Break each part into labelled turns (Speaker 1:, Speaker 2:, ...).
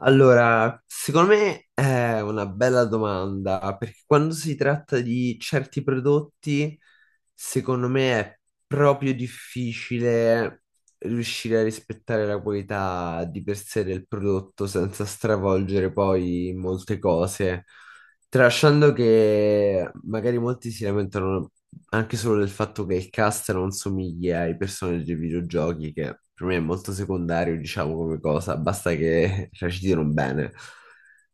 Speaker 1: Allora, secondo me è una bella domanda, perché quando si tratta di certi prodotti, secondo me è proprio difficile riuscire a rispettare la qualità di per sé del prodotto senza stravolgere poi molte cose. Tralasciando che magari molti si lamentano anche solo del fatto che il cast non somiglia ai personaggi dei videogiochi, che per me è molto secondario, diciamo, come cosa, basta che recitino bene.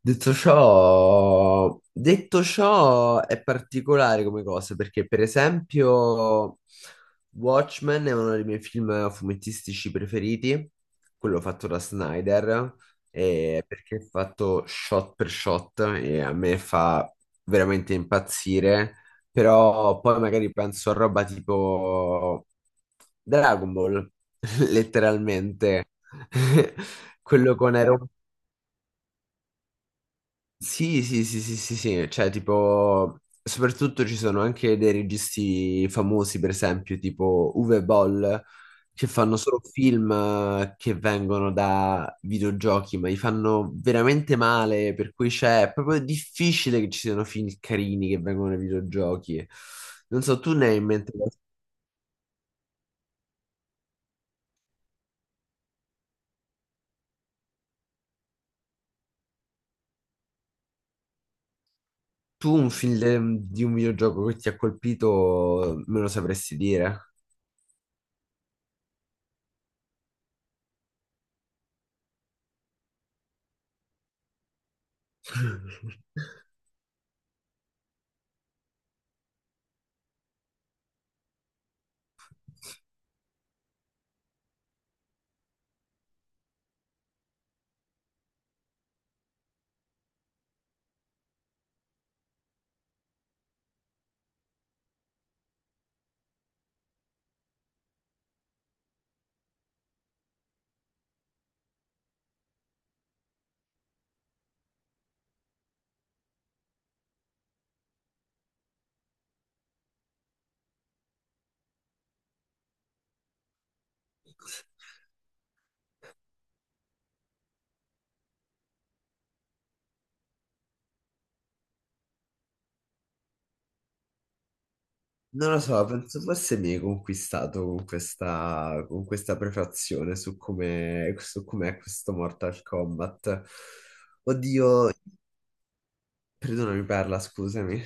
Speaker 1: Detto ciò, è particolare come cosa, perché per esempio Watchmen è uno dei miei film fumettistici preferiti, quello fatto da Snyder, perché è fatto shot per shot e a me fa veramente impazzire, però poi magari penso a roba tipo Dragon Ball, letteralmente, quello con Eren. Sì, sì, sì, sì, sì, sì, cioè tipo, soprattutto ci sono anche dei registi famosi, per esempio, tipo Uwe Boll, che fanno solo film che vengono da videogiochi, ma li fanno veramente male, per cui è proprio difficile che ci siano film carini che vengono dai videogiochi. Non so, tu ne hai in mente, tu un film di un videogioco che ti ha colpito, me lo sapresti dire? Non lo so, penso forse mi hai conquistato con questa prefazione su su com'è questo Mortal Kombat. Oddio, perdonami Perla, scusami.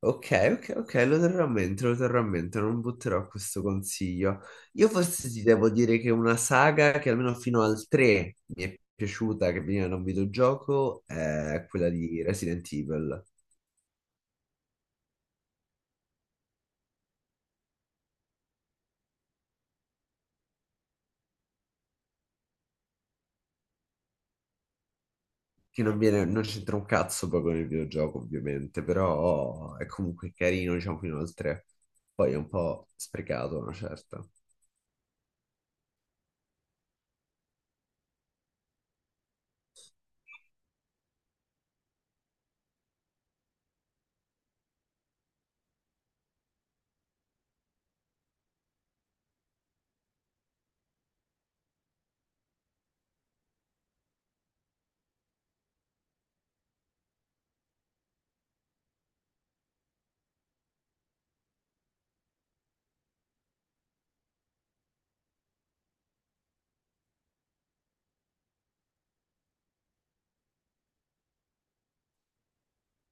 Speaker 1: Ok, ok, ok, lo terrò a mente, lo terrò a mente, non butterò questo consiglio. Io forse ti devo dire che una saga che almeno fino al 3 mi è piaciuta, che veniva da un videogioco, è quella di Resident Evil, che non viene, non c'entra un cazzo poi con il videogioco, ovviamente, però è comunque carino, diciamo, fino al 3. Poi è un po' sprecato, una certa.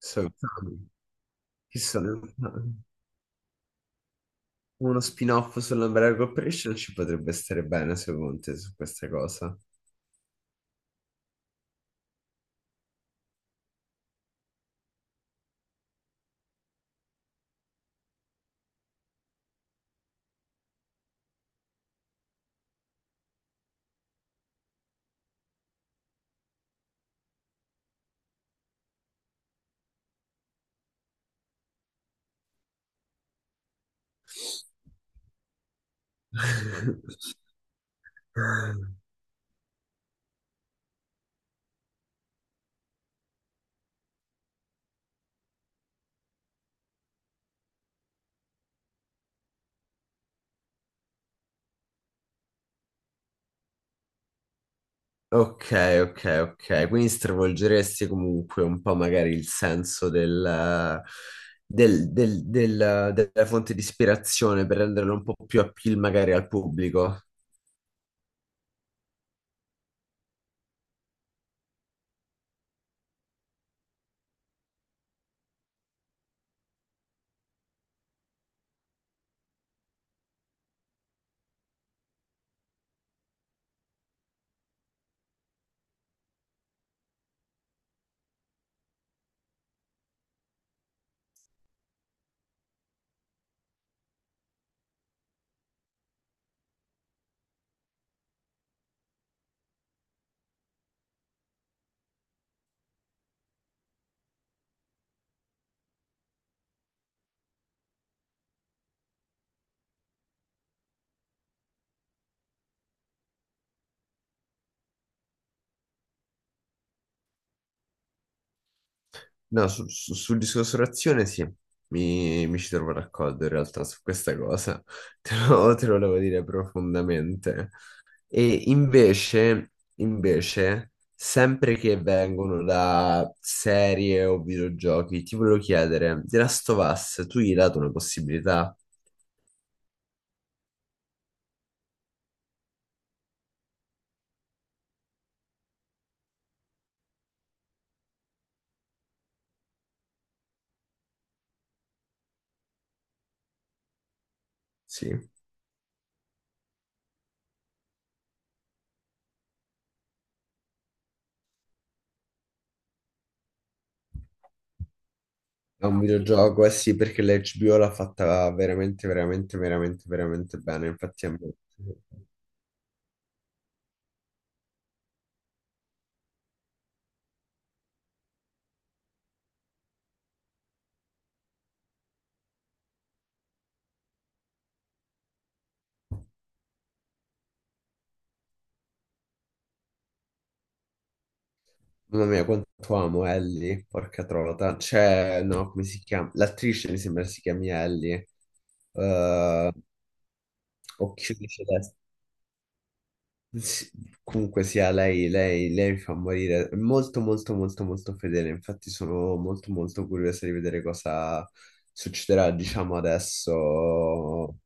Speaker 1: So che sono uno spin-off sull'Umbrella Corporation ci potrebbe stare bene, secondo te, su questa cosa. Ok, ok, ok. Quindi stravolgeresti comunque un po' magari il senso della fonte di ispirazione per renderlo un po' più appeal magari al pubblico. No, sul discorso razione sì, mi ci trovo d'accordo in realtà su questa cosa. Te lo volevo dire profondamente. E invece, sempre che vengono da serie o videogiochi, ti volevo chiedere, The Last of Us, tu gli hai dato una possibilità? Sì. È un videogioco, eh sì, perché l'HBO l'ha fatta veramente, veramente, veramente, veramente bene. Infatti, a me... Mamma mia, quanto amo Ellie, porca trota. Cioè, no, come si chiama? L'attrice mi sembra si chiami Ellie. Eh, occhioni celesti. Sì, comunque sia, lei mi fa morire. È molto molto molto molto fedele, infatti sono molto molto curiosa di vedere cosa succederà, diciamo adesso.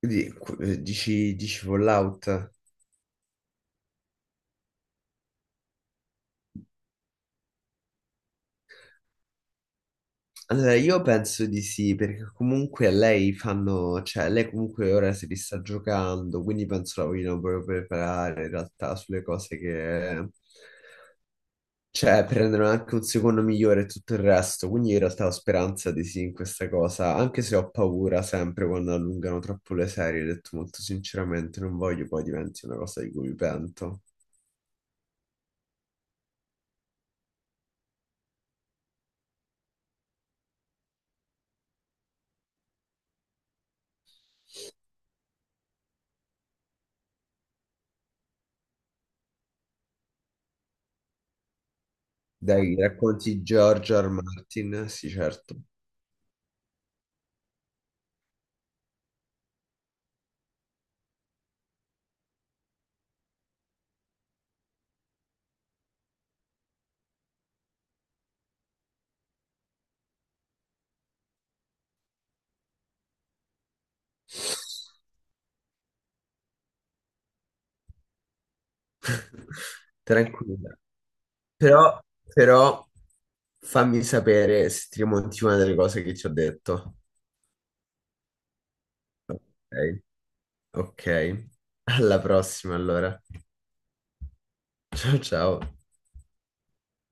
Speaker 1: Di- dici Fallout? Allora, io penso di sì, perché comunque lei fanno, cioè lei comunque ora si li sta giocando, quindi penso la vogliono proprio preparare in realtà sulle cose che, cioè, prendono anche un secondo migliore e tutto il resto, quindi in realtà ho speranza di sì in questa cosa, anche se ho paura sempre quando allungano troppo le serie, ho detto molto sinceramente, non voglio poi diventi una cosa di cui mi pento. Dai, racconti George R. R. Martin? Sì, certo. Tranquilla. Però, però, fammi sapere se ti rimonti una delle cose che ti ho detto. Ok, ok. Alla prossima allora. Ciao ciao.